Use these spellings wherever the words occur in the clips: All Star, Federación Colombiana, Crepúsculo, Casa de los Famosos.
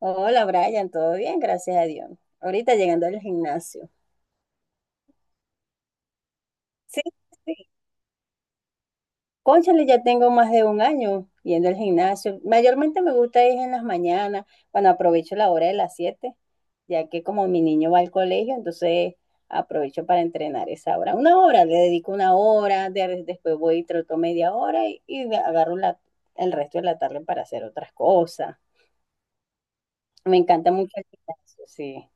Hola Brian, todo bien, gracias a Dios. Ahorita llegando al gimnasio. Sí, sí. Cónchale, ya tengo más de un año yendo al gimnasio. Mayormente me gusta ir en las mañanas, cuando aprovecho la hora de las 7, ya que como mi niño va al colegio, entonces aprovecho para entrenar esa hora. Una hora, le dedico una hora, después voy y troto media hora y agarro el resto de la tarde para hacer otras cosas. Me encanta mucho el gimnasio, sí.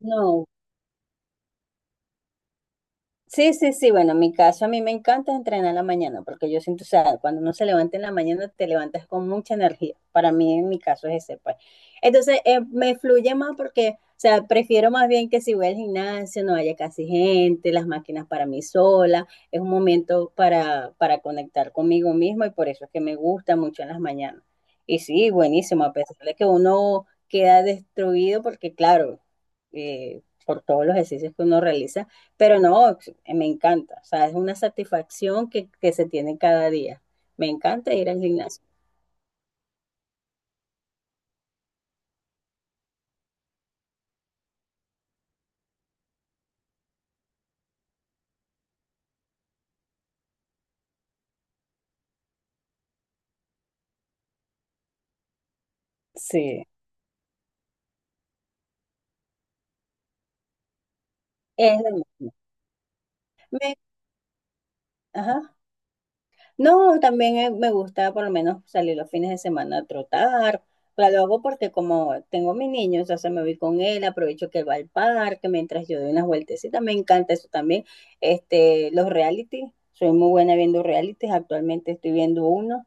No, sí, sí, sí. Bueno, en mi caso a mí me encanta entrenar en la mañana porque yo siento, o sea, cuando uno se levanta en la mañana te levantas con mucha energía. Para mí, en mi caso es ese, pues. Entonces, me fluye más porque, o sea, prefiero más bien que si voy al gimnasio no haya casi gente, las máquinas para mí sola. Es un momento para conectar conmigo mismo y por eso es que me gusta mucho en las mañanas. Y sí, buenísimo, a pesar de que uno queda destruido porque, claro, por todos los ejercicios que uno realiza pero no, me encanta, o sea, es una satisfacción que se tiene cada día. Me encanta ir al gimnasio. Sí. Es lo mismo. Me- ajá. No, también me gusta por lo menos salir los fines de semana a trotar. Claro, lo hago porque como tengo a mi niño, entonces me voy con él, aprovecho que él va al parque mientras yo doy unas vueltecitas. Me encanta eso también. Este, los reality, soy muy buena viendo realities. Actualmente estoy viendo uno.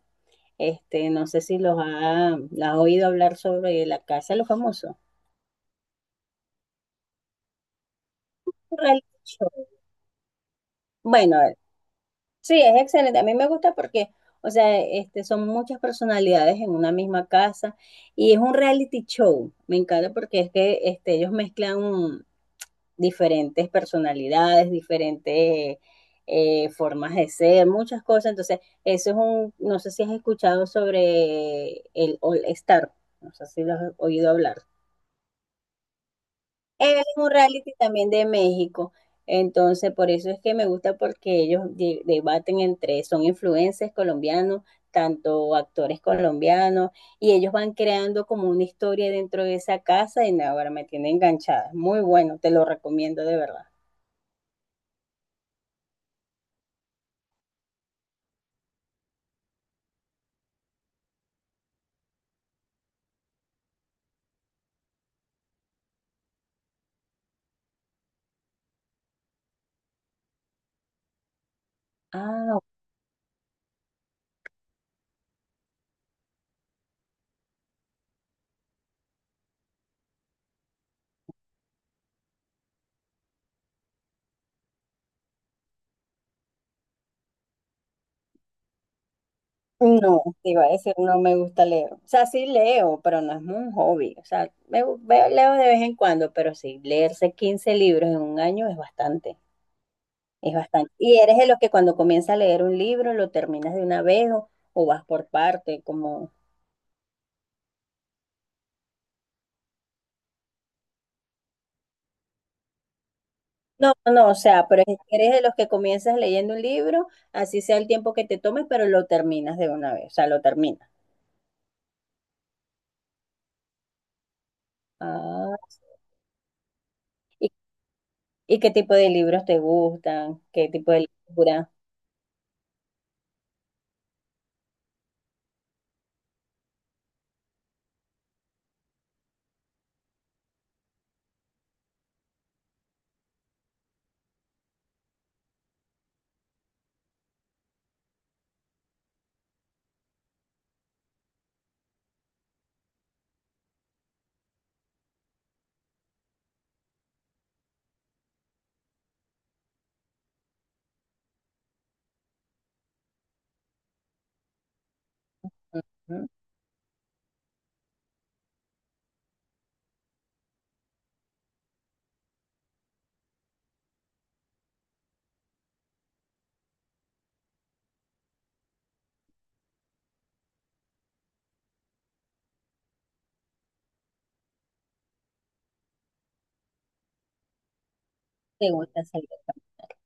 Este, no sé si la has oído hablar sobre la Casa de los Famosos. Un reality show. Bueno, sí, es excelente. A mí me gusta porque, o sea, este, son muchas personalidades en una misma casa y es un reality show. Me encanta porque es que este, ellos mezclan diferentes personalidades, diferentes formas de ser, muchas cosas. Entonces, eso es no sé si has escuchado sobre el All Star. No sé si lo has oído hablar. Él es un reality también de México. Entonces, por eso es que me gusta porque ellos debaten entre, son influencers colombianos, tanto actores colombianos, y ellos van creando como una historia dentro de esa casa y nada, ahora me tiene enganchada. Muy bueno, te lo recomiendo de verdad. Ah, no, te iba a decir, no me gusta leer. O sea, sí leo, pero no es un hobby. O sea, leo de vez en cuando, pero sí, leerse 15 libros en un año es bastante. Es bastante. Y eres de los que cuando comienza a leer un libro lo terminas de una vez o vas por parte, como... No, no, no, o sea, pero eres de los que comienzas leyendo un libro, así sea el tiempo que te tome, pero lo terminas de una vez, o sea, lo terminas. Ah, ¿y, y qué tipo de libros te gustan? ¿Qué tipo de lectura? Ujú. ¿Te gusta salir a caminar?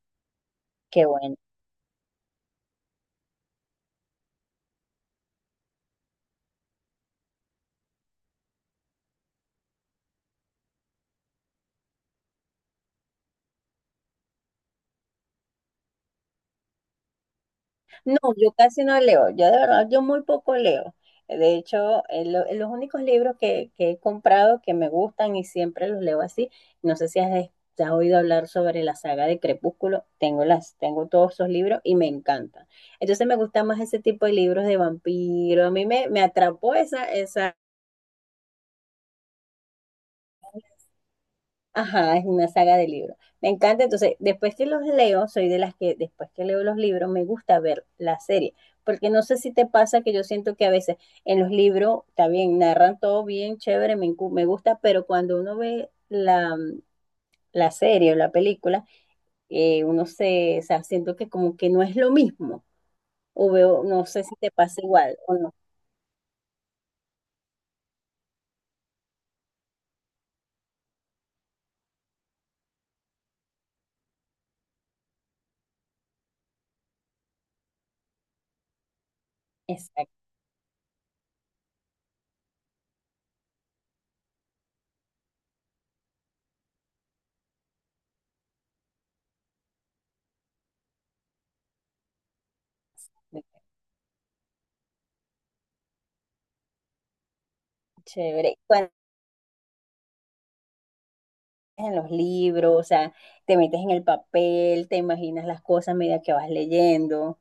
Qué bueno. No, yo casi no leo, yo de verdad, yo muy poco leo. De hecho, los únicos libros que he comprado que me gustan y siempre los leo así, no sé si has oído hablar sobre la saga de Crepúsculo, tengo todos esos libros y me encantan. Entonces me gusta más ese tipo de libros de vampiro, a mí me atrapó esa. Ajá, es una saga de libros. Me encanta, entonces, después que los leo, soy de las que después que leo los libros me gusta ver la serie, porque no sé si te pasa que yo siento que a veces en los libros, está bien, narran todo bien, chévere, me gusta, pero cuando uno ve la serie o la película, uno se, o sea, siento que como que no es lo mismo, o veo, no sé si te pasa igual o no. Exacto, chévere. En los libros, o sea, te metes en el papel, te imaginas las cosas a medida que vas leyendo.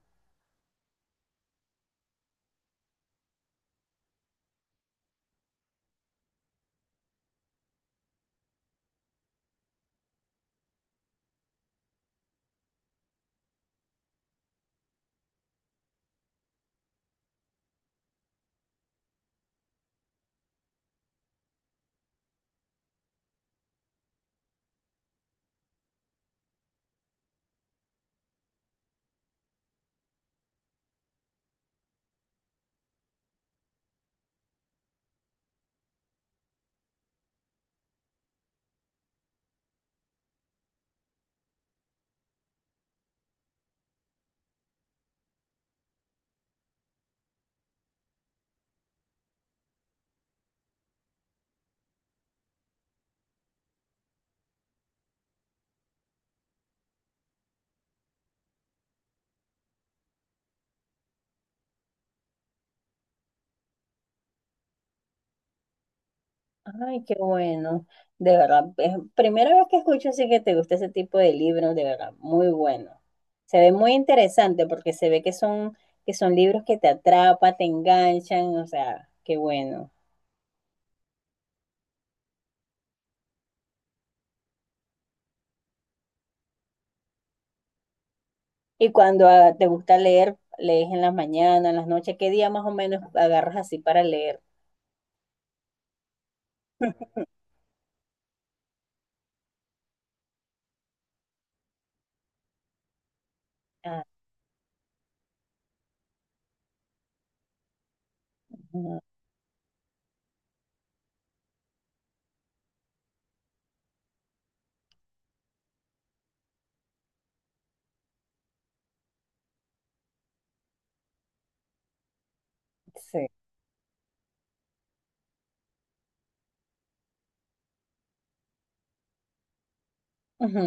Ay, qué bueno. De verdad, es primera vez que escucho así que te gusta ese tipo de libros, de verdad, muy bueno. Se ve muy interesante porque se ve que son libros que te atrapan, te enganchan, o sea, qué bueno. Y cuando te gusta leer, lees en las mañanas, en las noches, ¿qué día más o menos agarras así para leer? Ah, ujú, sí, ujú,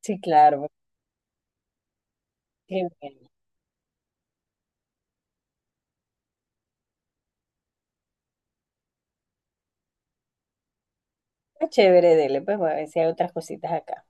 sí, claro, qué bueno. Está chévere, dele, pues voy a ver si hay otras cositas acá.